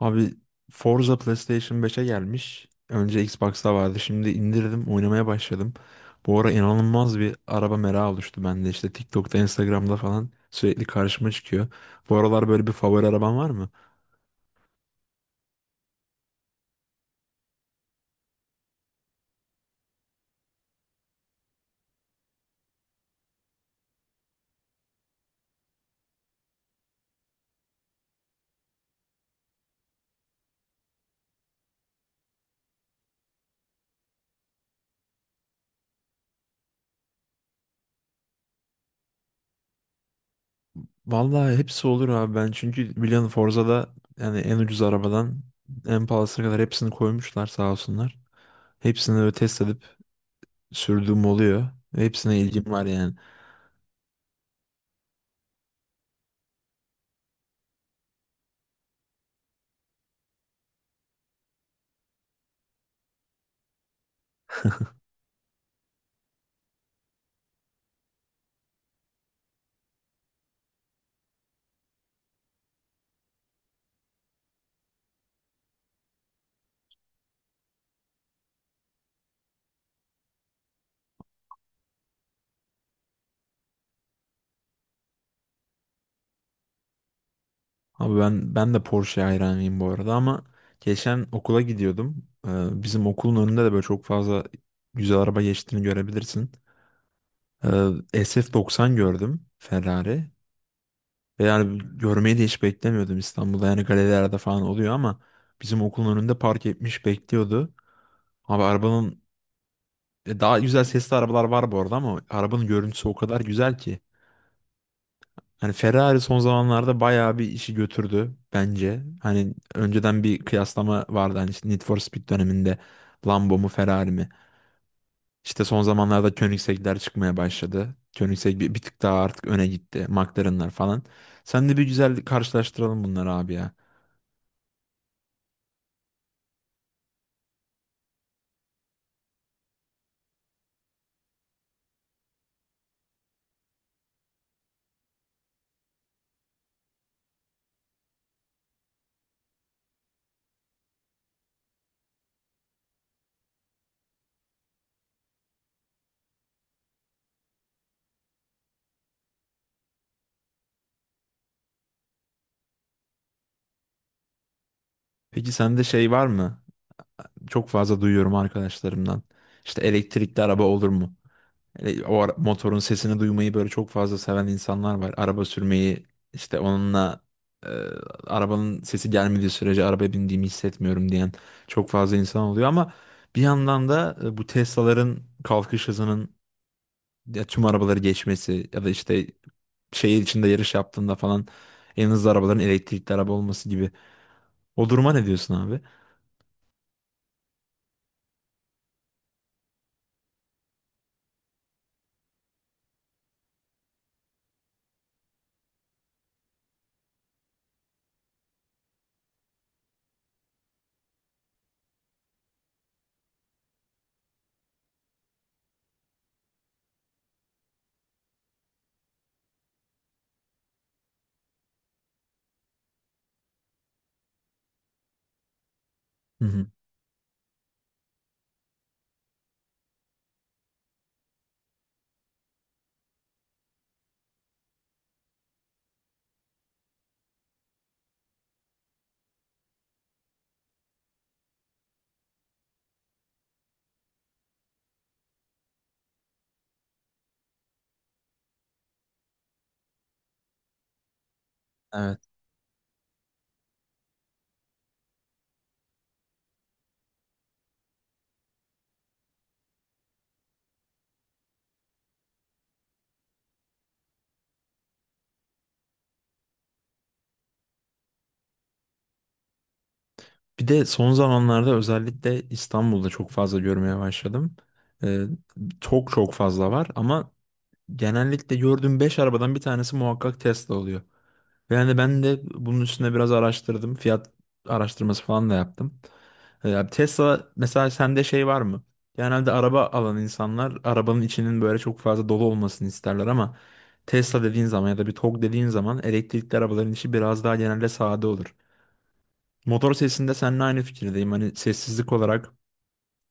Abi, Forza PlayStation 5'e gelmiş. Önce Xbox'ta vardı. Şimdi indirdim, oynamaya başladım. Bu ara inanılmaz bir araba merakı oluştu bende. İşte TikTok'ta, Instagram'da falan sürekli karşıma çıkıyor. Bu aralar böyle bir favori araban var mı? Vallahi hepsi olur abi ben. Çünkü biliyorsun Forza'da yani en ucuz arabadan en pahalısına kadar hepsini koymuşlar sağ olsunlar. Hepsini böyle test edip sürdüğüm oluyor. Ve hepsine ilgim var yani. Abi ben de Porsche hayranıyım bu arada, ama geçen okula gidiyordum. Bizim okulun önünde de böyle çok fazla güzel araba geçtiğini görebilirsin. Ee, SF90 gördüm, Ferrari. Ve yani görmeyi de hiç beklemiyordum İstanbul'da. Yani galerilerde falan oluyor ama bizim okulun önünde park etmiş bekliyordu. Abi arabanın, daha güzel sesli arabalar var bu arada ama arabanın görüntüsü o kadar güzel ki. Hani Ferrari son zamanlarda bayağı bir işi götürdü bence. Hani önceden bir kıyaslama vardı, hani işte Need for Speed döneminde Lambo mu Ferrari mi? İşte son zamanlarda Koenigsegg'ler çıkmaya başladı. Koenigsegg bir tık daha artık öne gitti. McLaren'lar falan. Sen de bir güzel karşılaştıralım bunları abi ya. Peki sende şey var mı? Çok fazla duyuyorum arkadaşlarımdan. İşte elektrikli araba olur mu? Hele motorun sesini duymayı böyle çok fazla seven insanlar var. Araba sürmeyi işte onunla, e, arabanın sesi gelmediği sürece arabaya bindiğimi hissetmiyorum diyen çok fazla insan oluyor ama bir yandan da bu Tesla'ların kalkış hızının ya tüm arabaları geçmesi ya da işte şehir içinde yarış yaptığında falan en hızlı arabaların elektrikli araba olması gibi. O duruma ne diyorsun abi? Hı hı. Evet. Bir de son zamanlarda özellikle İstanbul'da çok fazla görmeye başladım. Ee, Çok çok fazla var ama genellikle gördüğüm 5 arabadan bir tanesi muhakkak Tesla oluyor. Ve yani ben de bunun üstüne biraz araştırdım. Fiyat araştırması falan da yaptım. Tesla mesela, sende şey var mı? Genelde araba alan insanlar arabanın içinin böyle çok fazla dolu olmasını isterler, ama Tesla dediğin zaman ya da bir TOG dediğin zaman elektrikli arabaların içi biraz daha genelde sade olur. Motor sesinde seninle aynı fikirdeyim. Hani sessizlik olarak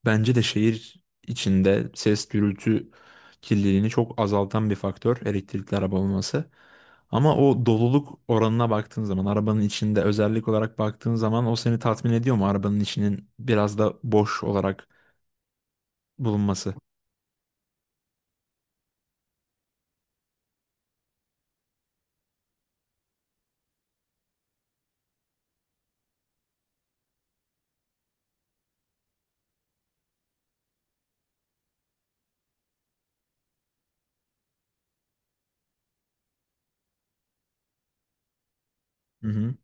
bence de şehir içinde ses, gürültü kirliliğini çok azaltan bir faktör elektrikli araba olması. Ama o doluluk oranına baktığın zaman, arabanın içinde özellik olarak baktığın zaman, o seni tatmin ediyor mu arabanın içinin biraz da boş olarak bulunması? Hı hı.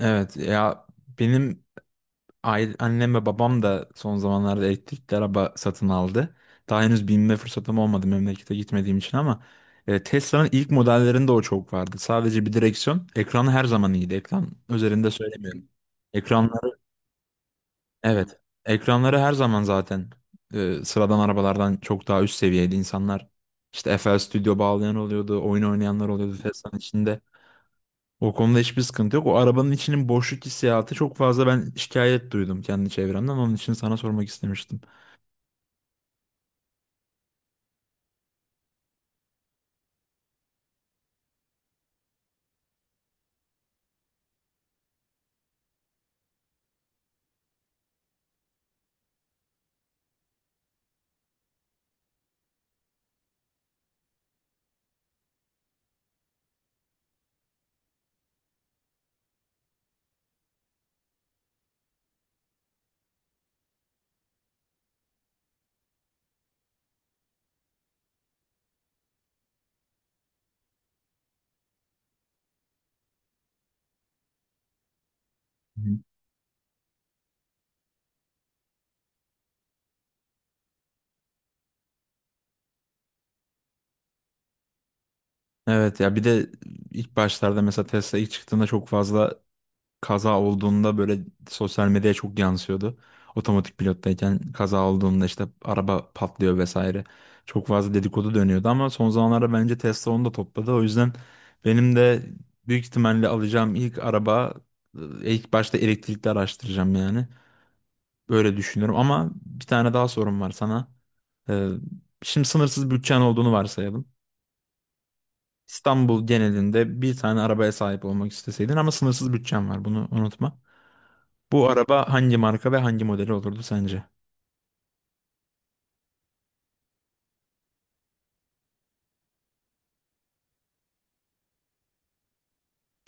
Evet ya, benim aile, annem ve babam da son zamanlarda elektrikli araba satın aldı. Daha henüz binme fırsatım olmadı memlekete gitmediğim için ama Tesla'nın ilk modellerinde o çok vardı. Sadece bir direksiyon, ekranı her zaman iyiydi. Ekran üzerinde söylemiyorum. Ekranları, evet. Ekranları her zaman zaten sıradan arabalardan çok daha üst seviyeydi. İnsanlar işte FL Studio bağlayan oluyordu, oyun oynayanlar oluyordu Tesla'nın içinde. O konuda hiçbir sıkıntı yok. O arabanın içinin boşluk hissiyatı çok fazla, ben şikayet duydum kendi çevremden. Onun için sana sormak istemiştim. Hı. Evet ya, bir de ilk başlarda, mesela Tesla ilk çıktığında, çok fazla kaza olduğunda böyle sosyal medyaya çok yansıyordu. Otomatik pilottayken kaza olduğunda işte araba patlıyor vesaire. Çok fazla dedikodu dönüyordu ama son zamanlarda bence Tesla onu da topladı. O yüzden benim de büyük ihtimalle alacağım ilk araba, ilk başta elektrikli araştıracağım yani. Böyle düşünüyorum ama bir tane daha sorum var sana. Ee, Şimdi sınırsız bütçen olduğunu varsayalım. İstanbul genelinde bir tane arabaya sahip olmak isteseydin, ama sınırsız bütçen var, bunu unutma. Bu araba hangi marka ve hangi modeli olurdu sence?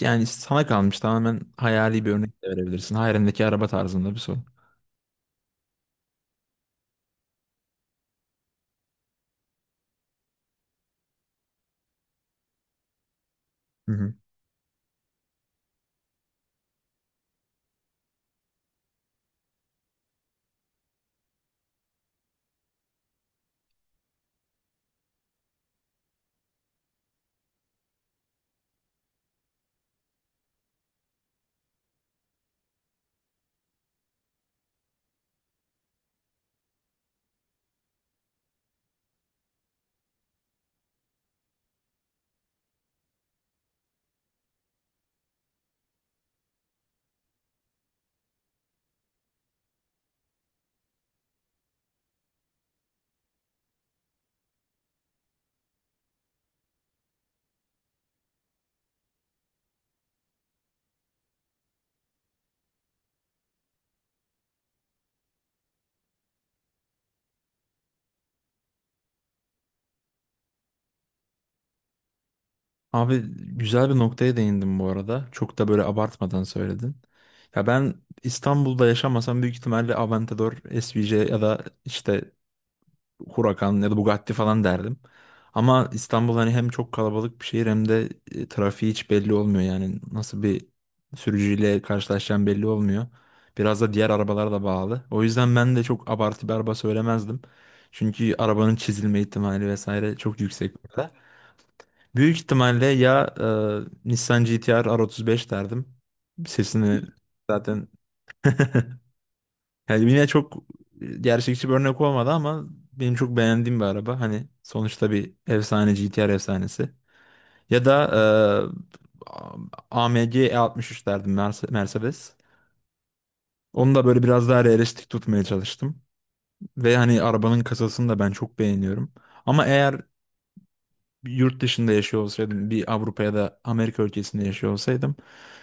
Yani sana kalmış, tamamen hayali bir örnek de verebilirsin. Hayalindeki araba tarzında bir soru. Hı hı. Abi güzel bir noktaya değindin bu arada. Çok da böyle abartmadan söyledin. Ya ben İstanbul'da yaşamasam büyük ihtimalle Aventador, SVJ ya da işte Huracan ya da Bugatti falan derdim. Ama İstanbul hani hem çok kalabalık bir şehir, hem de trafiği hiç belli olmuyor. Yani nasıl bir sürücüyle karşılaşacağım belli olmuyor. Biraz da diğer arabalara da bağlı. O yüzden ben de çok abartı bir araba söylemezdim. Çünkü arabanın çizilme ihtimali vesaire çok yüksek burada. Büyük ihtimalle ya, Nissan GT-R R35 derdim. Sesini zaten yani yine çok gerçekçi bir örnek olmadı ama benim çok beğendiğim bir araba. Hani sonuçta bir efsane, GTR efsanesi. Ya da AMG E63 derdim, Mercedes. Onu da böyle biraz daha realistik tutmaya çalıştım. Ve hani arabanın kasasını da ben çok beğeniyorum. Ama eğer yurt dışında yaşıyor olsaydım, bir Avrupa ya da Amerika ülkesinde yaşıyor olsaydım,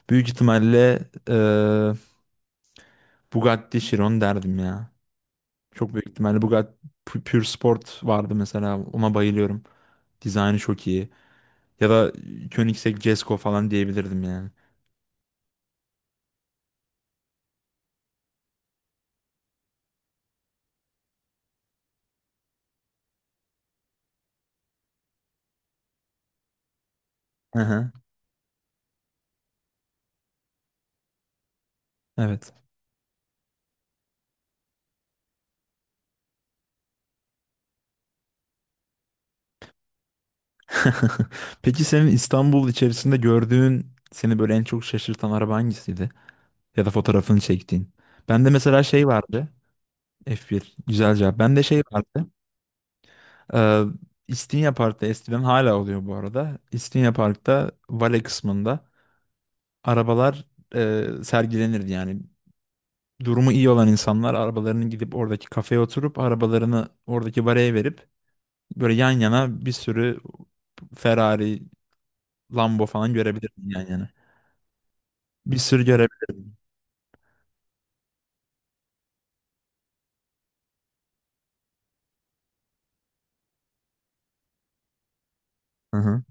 büyük ihtimalle Bugatti Chiron derdim ya. Çok büyük ihtimalle Bugatti Pure Sport vardı mesela. Ona bayılıyorum. Dizaynı çok iyi. Ya da Koenigsegg Jesko falan diyebilirdim yani. Hı hı, evet. Peki senin İstanbul içerisinde gördüğün, seni böyle en çok şaşırtan araba hangisiydi? Ya da fotoğrafını çektiğin. Bende mesela şey vardı. F1. Güzel cevap. Bende şey vardı. Ee, İstinye Park'ta eskiden, hala oluyor bu arada. İstinye Park'ta vale kısmında arabalar sergilenirdi yani. Durumu iyi olan insanlar arabalarını gidip oradaki kafeye oturup arabalarını oradaki baraya verip, böyle yan yana bir sürü Ferrari, Lambo falan görebilirsin yan yana. Bir sürü göre. Hı hı.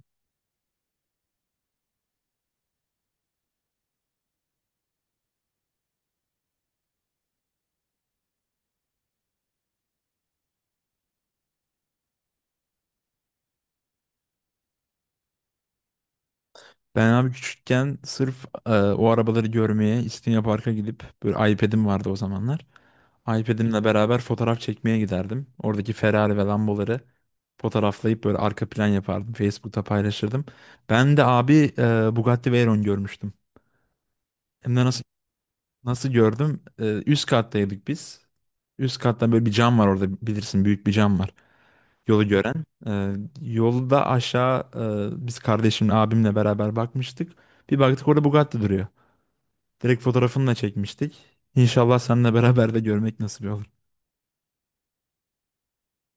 Ben abi küçükken sırf o arabaları görmeye İstinye Park'a gidip, böyle iPad'im vardı o zamanlar. iPad'imle beraber fotoğraf çekmeye giderdim. Oradaki Ferrari ve Lamboları fotoğraflayıp böyle arka plan yapardım. Facebook'ta paylaşırdım. Ben de abi Bugatti Veyron görmüştüm. Hem de nasıl. Nasıl gördüm? Üst kattaydık biz. Üst katta böyle bir cam var orada, bilirsin, büyük bir cam var. Yolu gören. Yolda aşağı, biz kardeşimle, abimle beraber bakmıştık. Bir baktık orada Bugatti duruyor. Direkt fotoğrafını da çekmiştik. İnşallah seninle beraber de görmek nasip olur.